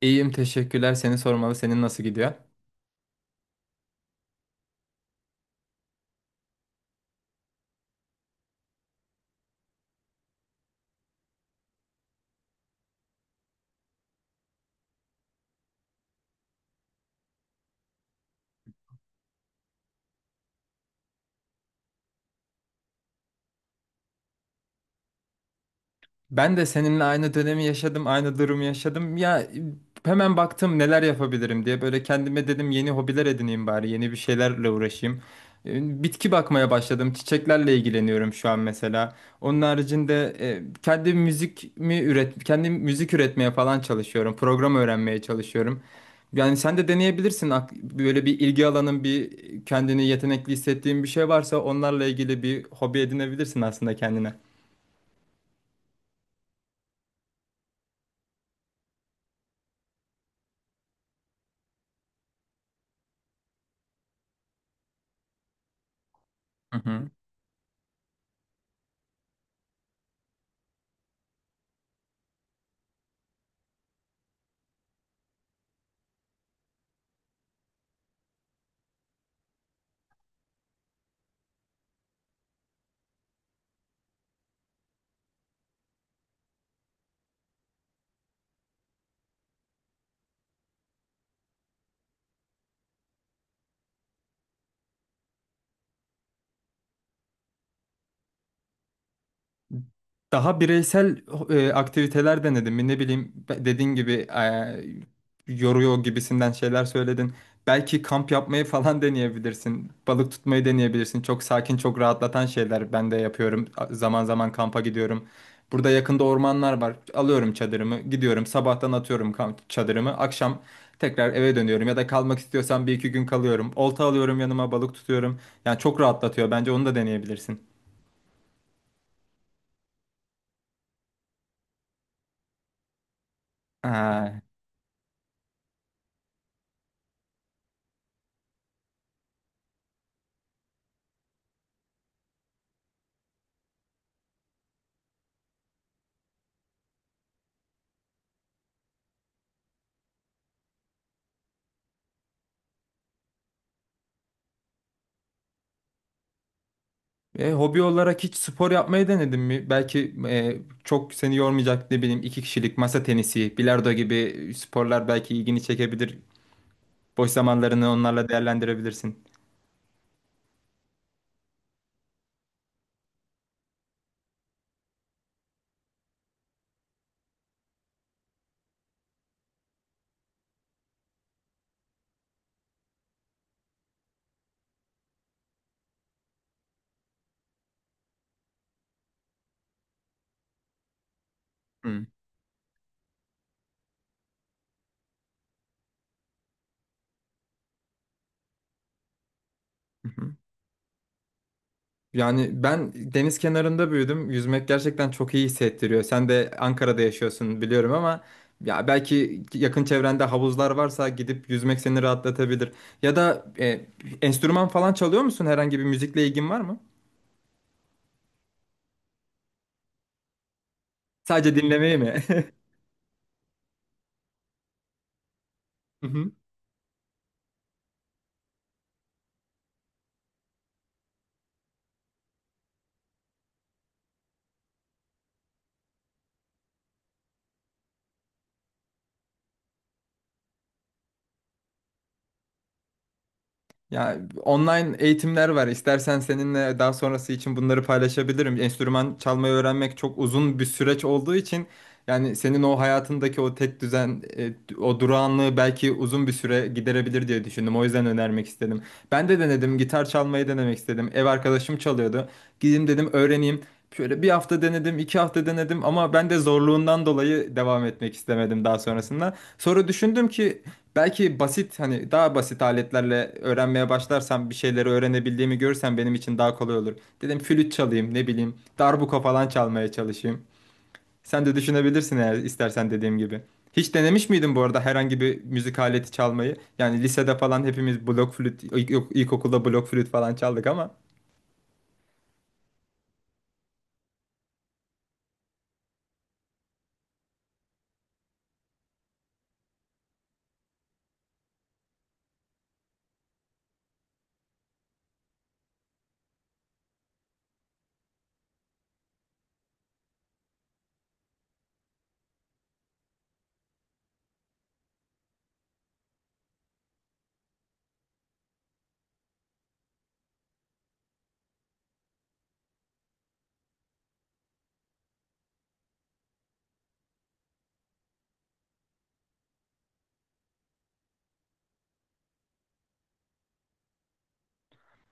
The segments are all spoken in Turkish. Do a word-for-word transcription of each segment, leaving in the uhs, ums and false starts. İyiyim teşekkürler. Seni sormalı. Senin nasıl gidiyor? Ben de seninle aynı dönemi yaşadım, aynı durumu yaşadım. Ya e, hemen baktım neler yapabilirim diye. Böyle kendime dedim yeni hobiler edineyim bari, yeni bir şeylerle uğraşayım. E, Bitki bakmaya başladım. Çiçeklerle ilgileniyorum şu an mesela. Onun haricinde e, kendi müzik mi üret, kendi müzik üretmeye falan çalışıyorum. Program öğrenmeye çalışıyorum. Yani sen de deneyebilirsin. Ak- Böyle bir ilgi alanın, bir kendini yetenekli hissettiğin bir şey varsa onlarla ilgili bir hobi edinebilirsin aslında kendine. Hı hı. Daha bireysel e, aktiviteler denedin mi? Ne bileyim be- dediğin gibi e, yoruyor gibisinden şeyler söyledin. Belki kamp yapmayı falan deneyebilirsin. Balık tutmayı deneyebilirsin. Çok sakin, çok rahatlatan şeyler ben de yapıyorum. A- Zaman zaman kampa gidiyorum. Burada yakında ormanlar var. Alıyorum çadırımı, gidiyorum. Sabahtan atıyorum kamp çadırımı. Akşam tekrar eve dönüyorum ya da kalmak istiyorsam bir iki gün kalıyorum. Olta alıyorum yanıma, balık tutuyorum. Yani çok rahatlatıyor. Bence onu da deneyebilirsin. Ha. E, hobi olarak hiç spor yapmayı denedin mi? Belki e, çok seni yormayacak ne bileyim iki kişilik masa tenisi, bilardo gibi sporlar belki ilgini çekebilir. Boş zamanlarını onlarla değerlendirebilirsin. Hı. Hı hı. Yani ben deniz kenarında büyüdüm. Yüzmek gerçekten çok iyi hissettiriyor. Sen de Ankara'da yaşıyorsun biliyorum ama ya belki yakın çevrende havuzlar varsa gidip yüzmek seni rahatlatabilir. Ya da e, enstrüman falan çalıyor musun? Herhangi bir müzikle ilgin var mı? Sadece dinlemeyi mi? Hı hı. Ya online eğitimler var. İstersen seninle daha sonrası için bunları paylaşabilirim. Enstrüman çalmayı öğrenmek çok uzun bir süreç olduğu için yani senin o hayatındaki o tek düzen, e, o durağanlığı belki uzun bir süre giderebilir diye düşündüm. O yüzden önermek istedim. Ben de denedim, gitar çalmayı denemek istedim. Ev arkadaşım çalıyordu. Gideyim dedim öğreneyim. Şöyle bir hafta denedim, iki hafta denedim ama ben de zorluğundan dolayı devam etmek istemedim daha sonrasında. Sonra düşündüm ki belki basit hani daha basit aletlerle öğrenmeye başlarsam bir şeyleri öğrenebildiğimi görürsem benim için daha kolay olur. Dedim flüt çalayım ne bileyim darbuka falan çalmaya çalışayım. Sen de düşünebilirsin eğer istersen dediğim gibi. Hiç denemiş miydin bu arada herhangi bir müzik aleti çalmayı? Yani lisede falan hepimiz blok flüt, ilk- ilkokulda blok flüt falan çaldık ama.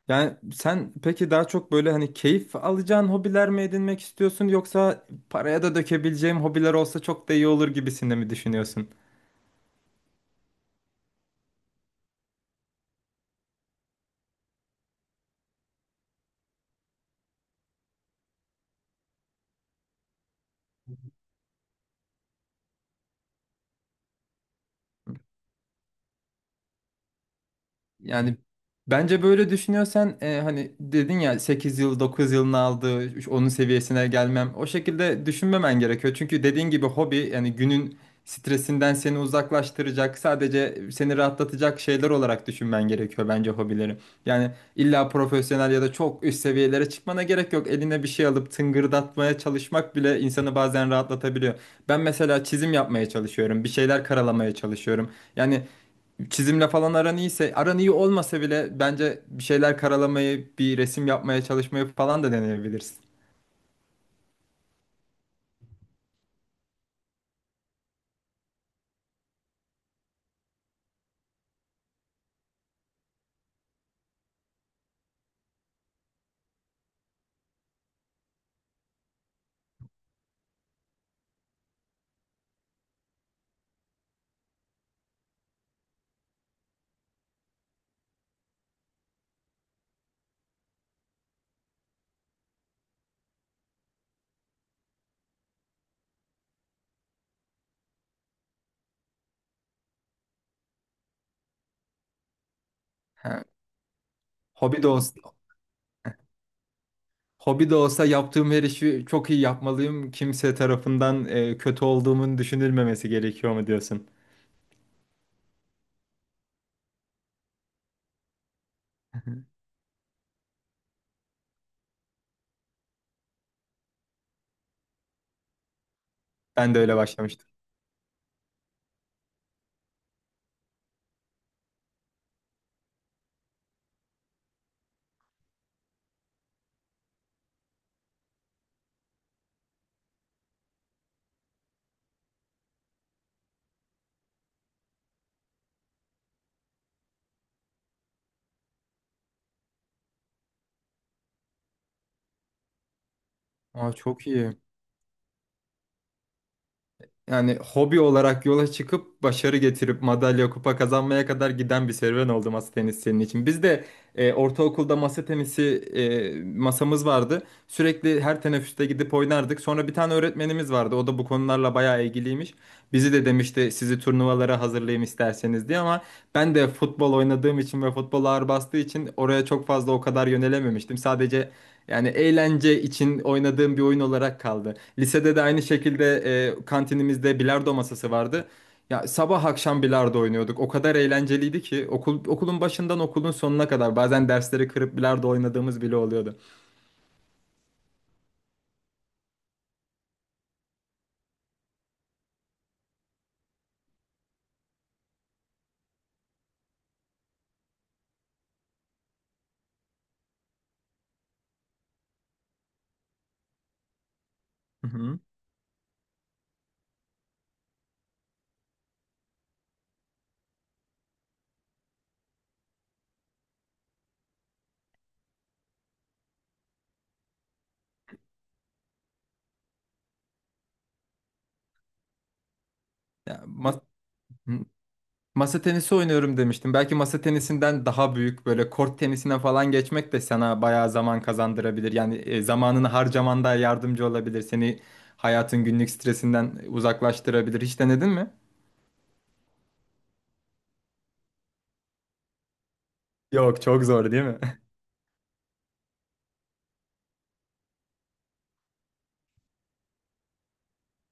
Yani sen peki daha çok böyle hani keyif alacağın hobiler mi edinmek istiyorsun yoksa paraya da dökebileceğim hobiler olsa çok da iyi olur gibisinde mi düşünüyorsun? Yani bence böyle düşünüyorsan e, hani dedin ya sekiz yıl dokuz yılını aldı onun seviyesine gelmem. O şekilde düşünmemen gerekiyor. Çünkü dediğin gibi hobi yani günün stresinden seni uzaklaştıracak, sadece seni rahatlatacak şeyler olarak düşünmen gerekiyor bence hobileri. Yani illa profesyonel ya da çok üst seviyelere çıkmana gerek yok. Eline bir şey alıp tıngırdatmaya çalışmak bile insanı bazen rahatlatabiliyor. Ben mesela çizim yapmaya çalışıyorum, bir şeyler karalamaya çalışıyorum. Yani çizimle falan aran iyiyse, aran iyi olmasa bile bence bir şeyler karalamayı, bir resim yapmaya çalışmayı falan da deneyebilirsin. Ha, hobi de olsun. Hobi de olsa yaptığım her işi çok iyi yapmalıyım. Kimse tarafından e, kötü olduğumun düşünülmemesi gerekiyor mu diyorsun? Ben de öyle başlamıştım. Aa, çok iyi. Yani hobi olarak yola çıkıp başarı getirip madalya kupa kazanmaya kadar giden bir serüven oldu masa tenisi senin için. Biz de e, ortaokulda masa tenisi e, masamız vardı. Sürekli her teneffüste gidip oynardık. Sonra bir tane öğretmenimiz vardı. O da bu konularla bayağı ilgiliymiş. Bizi de demişti sizi turnuvalara hazırlayayım isterseniz diye ama ben de futbol oynadığım için ve futbol ağır bastığı için oraya çok fazla o kadar yönelememiştim. Sadece yani eğlence için oynadığım bir oyun olarak kaldı. Lisede de aynı şekilde e, kantinimizde bilardo masası vardı. Ya sabah akşam bilardo oynuyorduk. O kadar eğlenceliydi ki okul okulun başından okulun sonuna kadar bazen dersleri kırıp bilardo oynadığımız bile oluyordu. Hı hı. Ya, mas- Hı. Masa tenisi oynuyorum demiştim. Belki masa tenisinden daha büyük böyle kort tenisine falan geçmek de sana bayağı zaman kazandırabilir. Yani e, zamanını harcaman da yardımcı olabilir. Seni hayatın günlük stresinden uzaklaştırabilir. Hiç denedin mi? Yok çok zor değil mi?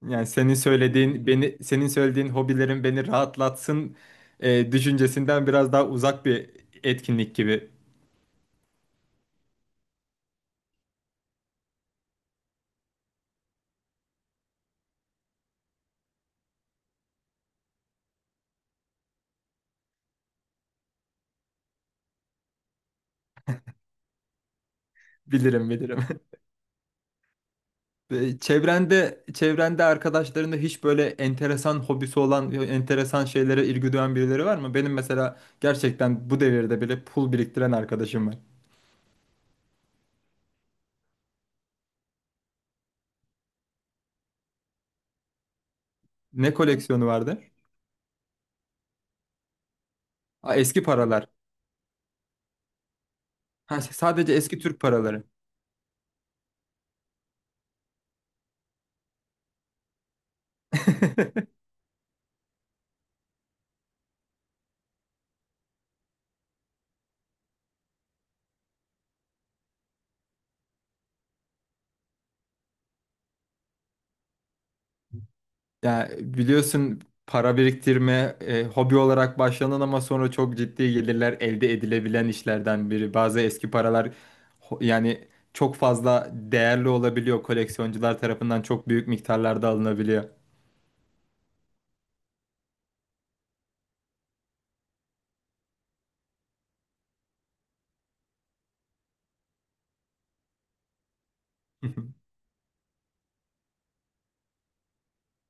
Yani senin söylediğin beni senin söylediğin hobilerin beni rahatlatsın e, düşüncesinden biraz daha uzak bir etkinlik gibi. Bilirim bilirim. Ve Çevrende, çevrende arkadaşlarında hiç böyle enteresan hobisi olan, ya enteresan şeylere ilgi duyan birileri var mı? Benim mesela gerçekten bu devirde bile pul biriktiren arkadaşım var. Ne koleksiyonu vardı? Aa, eski paralar. Ha, sadece eski Türk paraları. Ya biliyorsun para biriktirme e, hobi olarak başlanan ama sonra çok ciddi gelirler elde edilebilen işlerden biri. Bazı eski paralar ho- yani çok fazla değerli olabiliyor. Koleksiyoncular tarafından çok büyük miktarlarda alınabiliyor.